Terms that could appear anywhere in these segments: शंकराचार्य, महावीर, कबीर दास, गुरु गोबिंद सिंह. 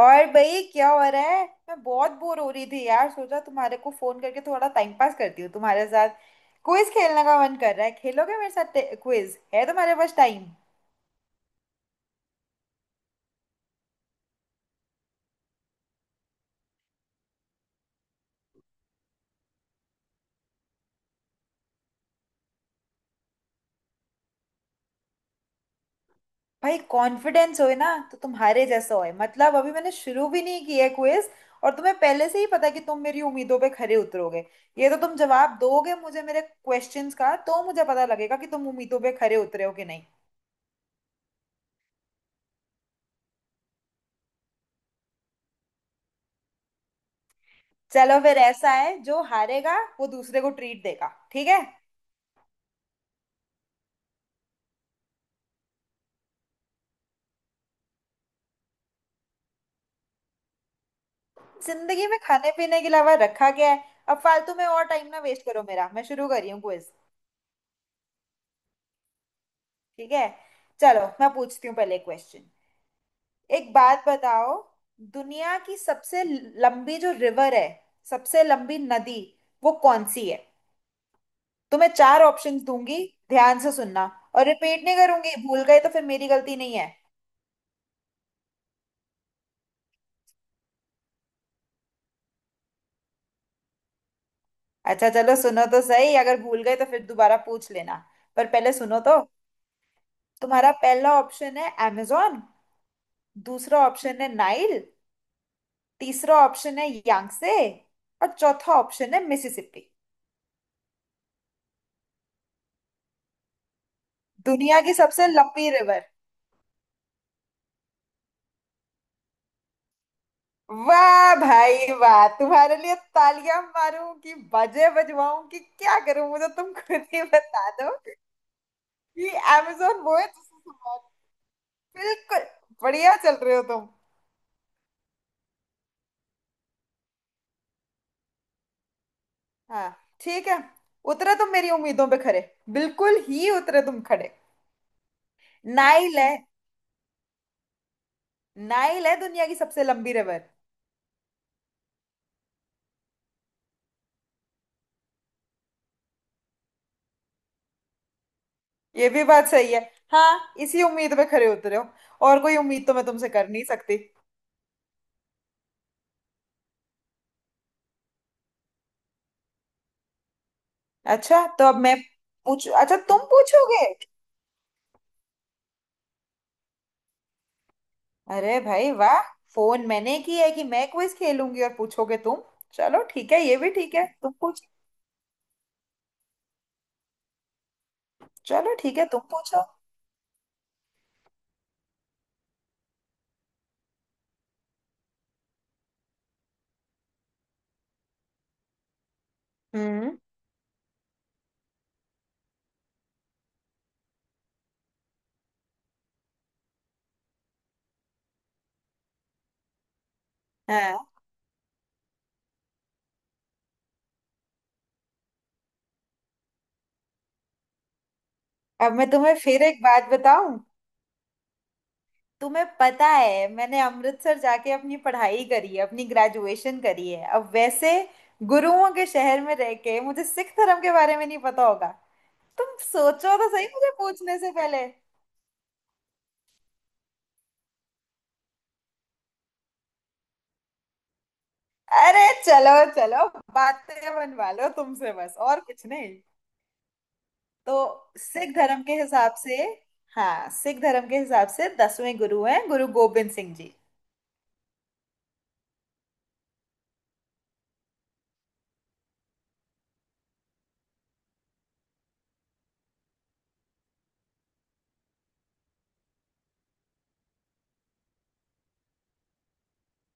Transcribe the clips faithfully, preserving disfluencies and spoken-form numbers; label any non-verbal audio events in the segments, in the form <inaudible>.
और भाई क्या हो रहा है। मैं बहुत बोर हो रही थी यार, सोचा तुम्हारे को फोन करके थोड़ा टाइम पास करती हूँ तुम्हारे साथ। क्विज खेलने का मन कर रहा है, खेलोगे मेरे साथ क्विज? है तुम्हारे पास टाइम? भाई कॉन्फिडेंस होए ना तो तुम्हारे जैसा होए। मतलब अभी मैंने शुरू भी नहीं किया है क्विज और तुम्हें पहले से ही पता है कि तुम मेरी उम्मीदों पे खरे उतरोगे। ये तो तुम जवाब दोगे मुझे मेरे क्वेश्चंस का, तो मुझे पता लगेगा कि तुम उम्मीदों पे खरे उतरे हो कि नहीं। चलो फिर ऐसा है, जो हारेगा वो दूसरे को ट्रीट देगा, ठीक है? जिंदगी में खाने पीने के अलावा रखा क्या है? अब फालतू में और टाइम ना वेस्ट करो मेरा, मैं शुरू कर रही हूँ क्विज। ठीक है। चलो मैं पूछती हूँ पहले क्वेश्चन। एक बात बताओ, दुनिया की सबसे लंबी जो रिवर है, सबसे लंबी नदी, वो कौन सी है? तो मैं चार ऑप्शंस दूंगी, ध्यान से सुनना और रिपीट नहीं करूंगी, भूल गए तो फिर मेरी गलती नहीं है। अच्छा चलो सुनो तो सही, अगर भूल गए तो फिर दोबारा पूछ लेना, पर पहले सुनो तो। तुम्हारा पहला ऑप्शन है अमेजोन। दूसरा ऑप्शन है नाइल। तीसरा ऑप्शन है यांगसे। और चौथा ऑप्शन है मिसिसिपी। दुनिया की सबसे लंबी रिवर। वाह भाई वाह, तुम्हारे लिए तालियां मारूं कि बाजे बजवाऊं कि क्या करूं, मुझे तुम खुद ही बता दो कि। अमेजोन वो है जिससे सामान। बिल्कुल। बढ़िया चल रहे हो तुम। हाँ। ठीक है। उतरे तुम मेरी उम्मीदों पे खरे, बिल्कुल ही उतरे तुम खड़े। नाइल है। नाइल है दुनिया की सबसे लंबी रिवर। ये भी बात सही है। हाँ, इसी उम्मीद पे खरे उतरे हो। और कोई उम्मीद तो मैं तुमसे कर नहीं सकती। अच्छा तो अब मैं पूछू? अच्छा तुम पूछोगे? अरे भाई वाह, फोन मैंने की है कि मैं क्विज खेलूंगी और पूछोगे तुम? चलो ठीक है, ये भी ठीक है, तुम पूछ। चलो ठीक है, तुम पूछो। हम्म। हाँ। अब मैं तुम्हें फिर एक बात बताऊं। तुम्हें पता है मैंने अमृतसर जाके अपनी पढ़ाई करी है, अपनी ग्रेजुएशन करी है। अब वैसे गुरुओं के शहर में रह के मुझे सिख धर्म के बारे में नहीं पता होगा? तुम सोचो तो सही मुझे पूछने से पहले। अरे चलो चलो, बातें बनवा लो तुमसे बस और कुछ नहीं। तो सिख धर्म के हिसाब से, हाँ, सिख धर्म के हिसाब से दसवें गुरु हैं गुरु गोबिंद सिंह जी।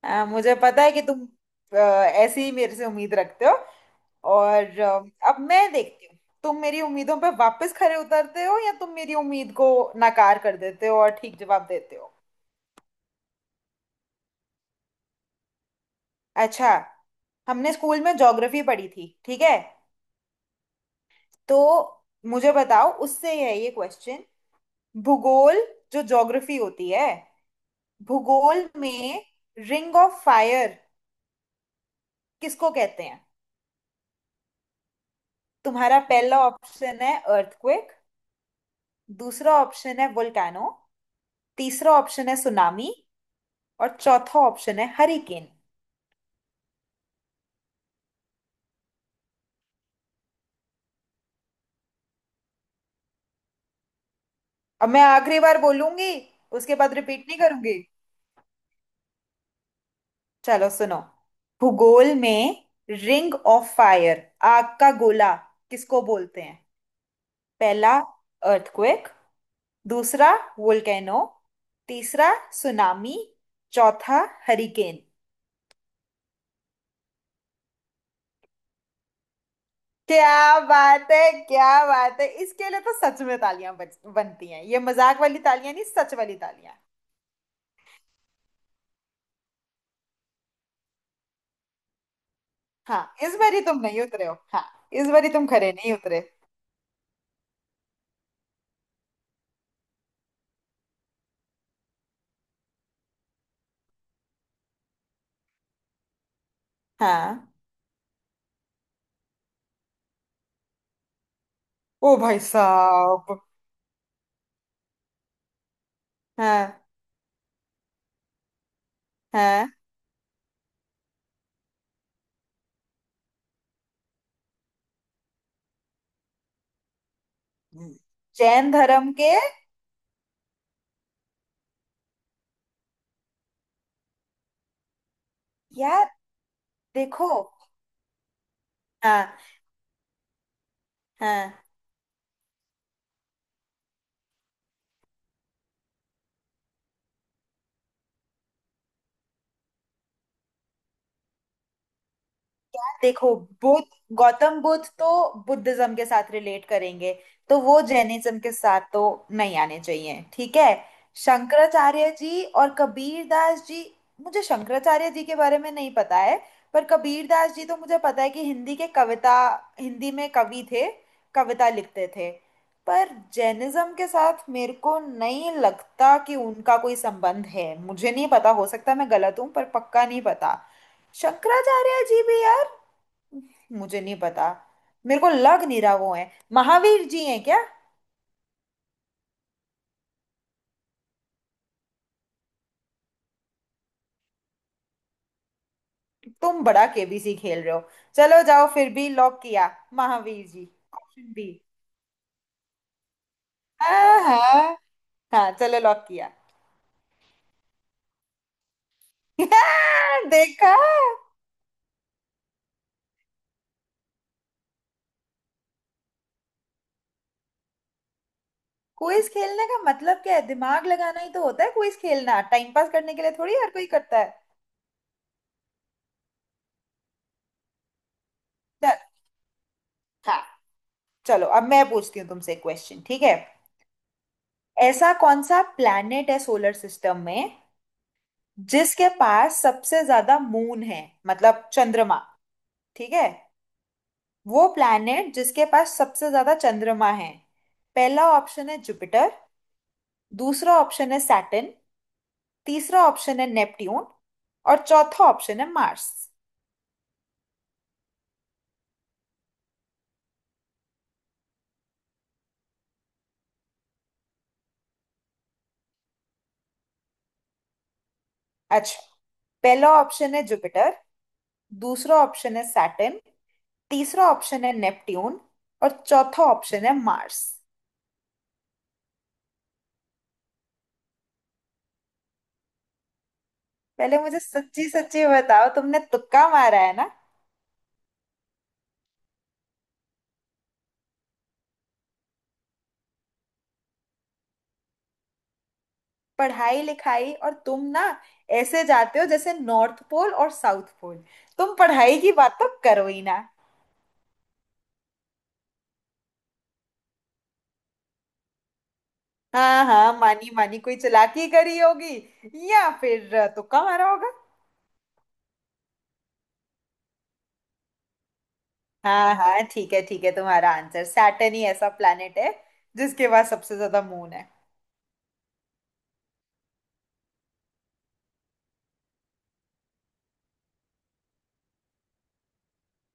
हाँ, मुझे पता है कि तुम अ, ऐसे ही मेरे से उम्मीद रखते हो। और अ, अब मैं देखती हूँ तुम मेरी उम्मीदों पर वापस खरे उतरते हो या तुम मेरी उम्मीद को नाकार कर देते हो और ठीक जवाब देते हो। अच्छा, हमने स्कूल में ज्योग्राफी पढ़ी थी, ठीक है? तो मुझे बताओ, उससे है ये क्वेश्चन। भूगोल, जो ज्योग्राफी होती है, भूगोल में रिंग ऑफ फायर किसको कहते हैं? तुम्हारा पहला ऑप्शन है अर्थक्वेक। दूसरा ऑप्शन है वोल्केनो। तीसरा ऑप्शन है सुनामी। और चौथा ऑप्शन है हरिकेन। अब मैं आखिरी बार बोलूंगी, उसके बाद रिपीट नहीं करूंगी। चलो सुनो। भूगोल में रिंग ऑफ फायर, आग का गोला, किसको बोलते हैं? पहला, अर्थक्वेक। दूसरा, वोल्केनो। तीसरा, सुनामी। चौथा, हरिकेन। क्या बात है। क्या बात है, इसके लिए तो सच में तालियां बज- बनती हैं, ये मजाक वाली तालियां नहीं, सच वाली तालियां। हाँ, इस बारी तुम नहीं उतरे हो, हाँ। इस बारी तुम खरे नहीं उतरे। हाँ। ओ भाई साहब। हाँ। हाँ, जैन धर्म के। यार देखो। हाँ। हाँ। देखो, बुद्ध, गौतम बुद्ध तो बुद्धिज्म के साथ रिलेट करेंगे, तो वो जैनिज्म के साथ तो नहीं आने चाहिए, ठीक है? शंकराचार्य जी और कबीर दास जी, मुझे शंकराचार्य जी के बारे में नहीं पता है। पर कबीर दास जी तो मुझे पता है कि हिंदी के कविता, हिंदी में कवि थे, कविता लिखते थे। पर जैनिज्म के साथ मेरे को नहीं लगता कि उनका कोई संबंध है। मुझे नहीं पता, हो सकता मैं गलत हूँ, पर पक्का नहीं पता। शंकराचार्य जी भी यार, मुझे नहीं पता। मेरे को लग नहीं रहा वो है। महावीर जी हैं क्या? तुम बड़ा केबीसी खेल रहे हो। चलो जाओ, फिर भी लॉक किया, महावीर जी, ऑप्शन बी। हाँ हाँ, हाँ, चलो लॉक किया। <laughs> देखा। क्विज खेलने का मतलब क्या है, दिमाग लगाना ही तो होता है। क्विज खेलना टाइम पास करने के लिए थोड़ी हर कोई करता है। चल। हाँ। चलो अब मैं पूछती हूँ तुमसे क्वेश्चन, ठीक है? ऐसा कौन सा प्लैनेट है सोलर सिस्टम में जिसके पास सबसे ज्यादा मून है, मतलब चंद्रमा, ठीक है? वो प्लैनेट जिसके पास सबसे ज्यादा चंद्रमा है। पहला ऑप्शन है जुपिटर। दूसरा ऑप्शन है सैटर्न। तीसरा ऑप्शन है नेपट्यून। और चौथा ऑप्शन है मार्स। अच्छा। पहला ऑप्शन है जुपिटर। दूसरा ऑप्शन है सैटर्न। तीसरा ऑप्शन है नेपट्यून। और चौथा ऑप्शन है मार्स। पहले मुझे सच्ची सच्ची बताओ, तुमने तुक्का मारा है? पढ़ाई लिखाई और तुम ना ऐसे जाते हो जैसे नॉर्थ पोल और साउथ पोल। तुम पढ़ाई की बात तो करो ही ना। हाँ हाँ, मानी मानी, कोई चालाकी करी होगी या फिर अ, तुक्का मारा होगा। हाँ हाँ, ठीक है ठीक है, तुम्हारा आंसर सैटर्न ही ऐसा प्लैनेट है जिसके पास सबसे ज्यादा मून है।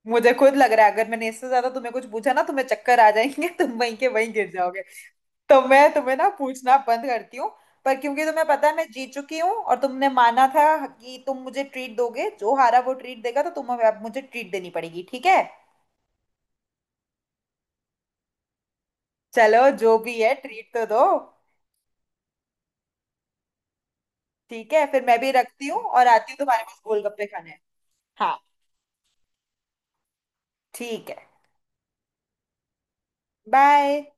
मुझे खुद लग रहा है अगर मैंने इससे ज्यादा तुम्हें कुछ पूछा ना, तुम्हें चक्कर आ जाएंगे। <laughs> तुम वहीं के वहीं गिर जाओगे। <laughs> तो मैं तुम्हें ना पूछना बंद करती हूँ। पर क्योंकि तुम्हें पता है मैं जीत चुकी हूँ, और तुमने माना था कि तुम मुझे ट्रीट दोगे, जो हारा वो ट्रीट देगा, तो तुम्हें अब मुझे ट्रीट देनी पड़ेगी, ठीक है? चलो जो भी है, ट्रीट तो दो। ठीक है फिर, मैं भी रखती हूँ और आती हूँ तुम्हारे पास गोलगप्पे खाने। हाँ। ठीक है। बाय।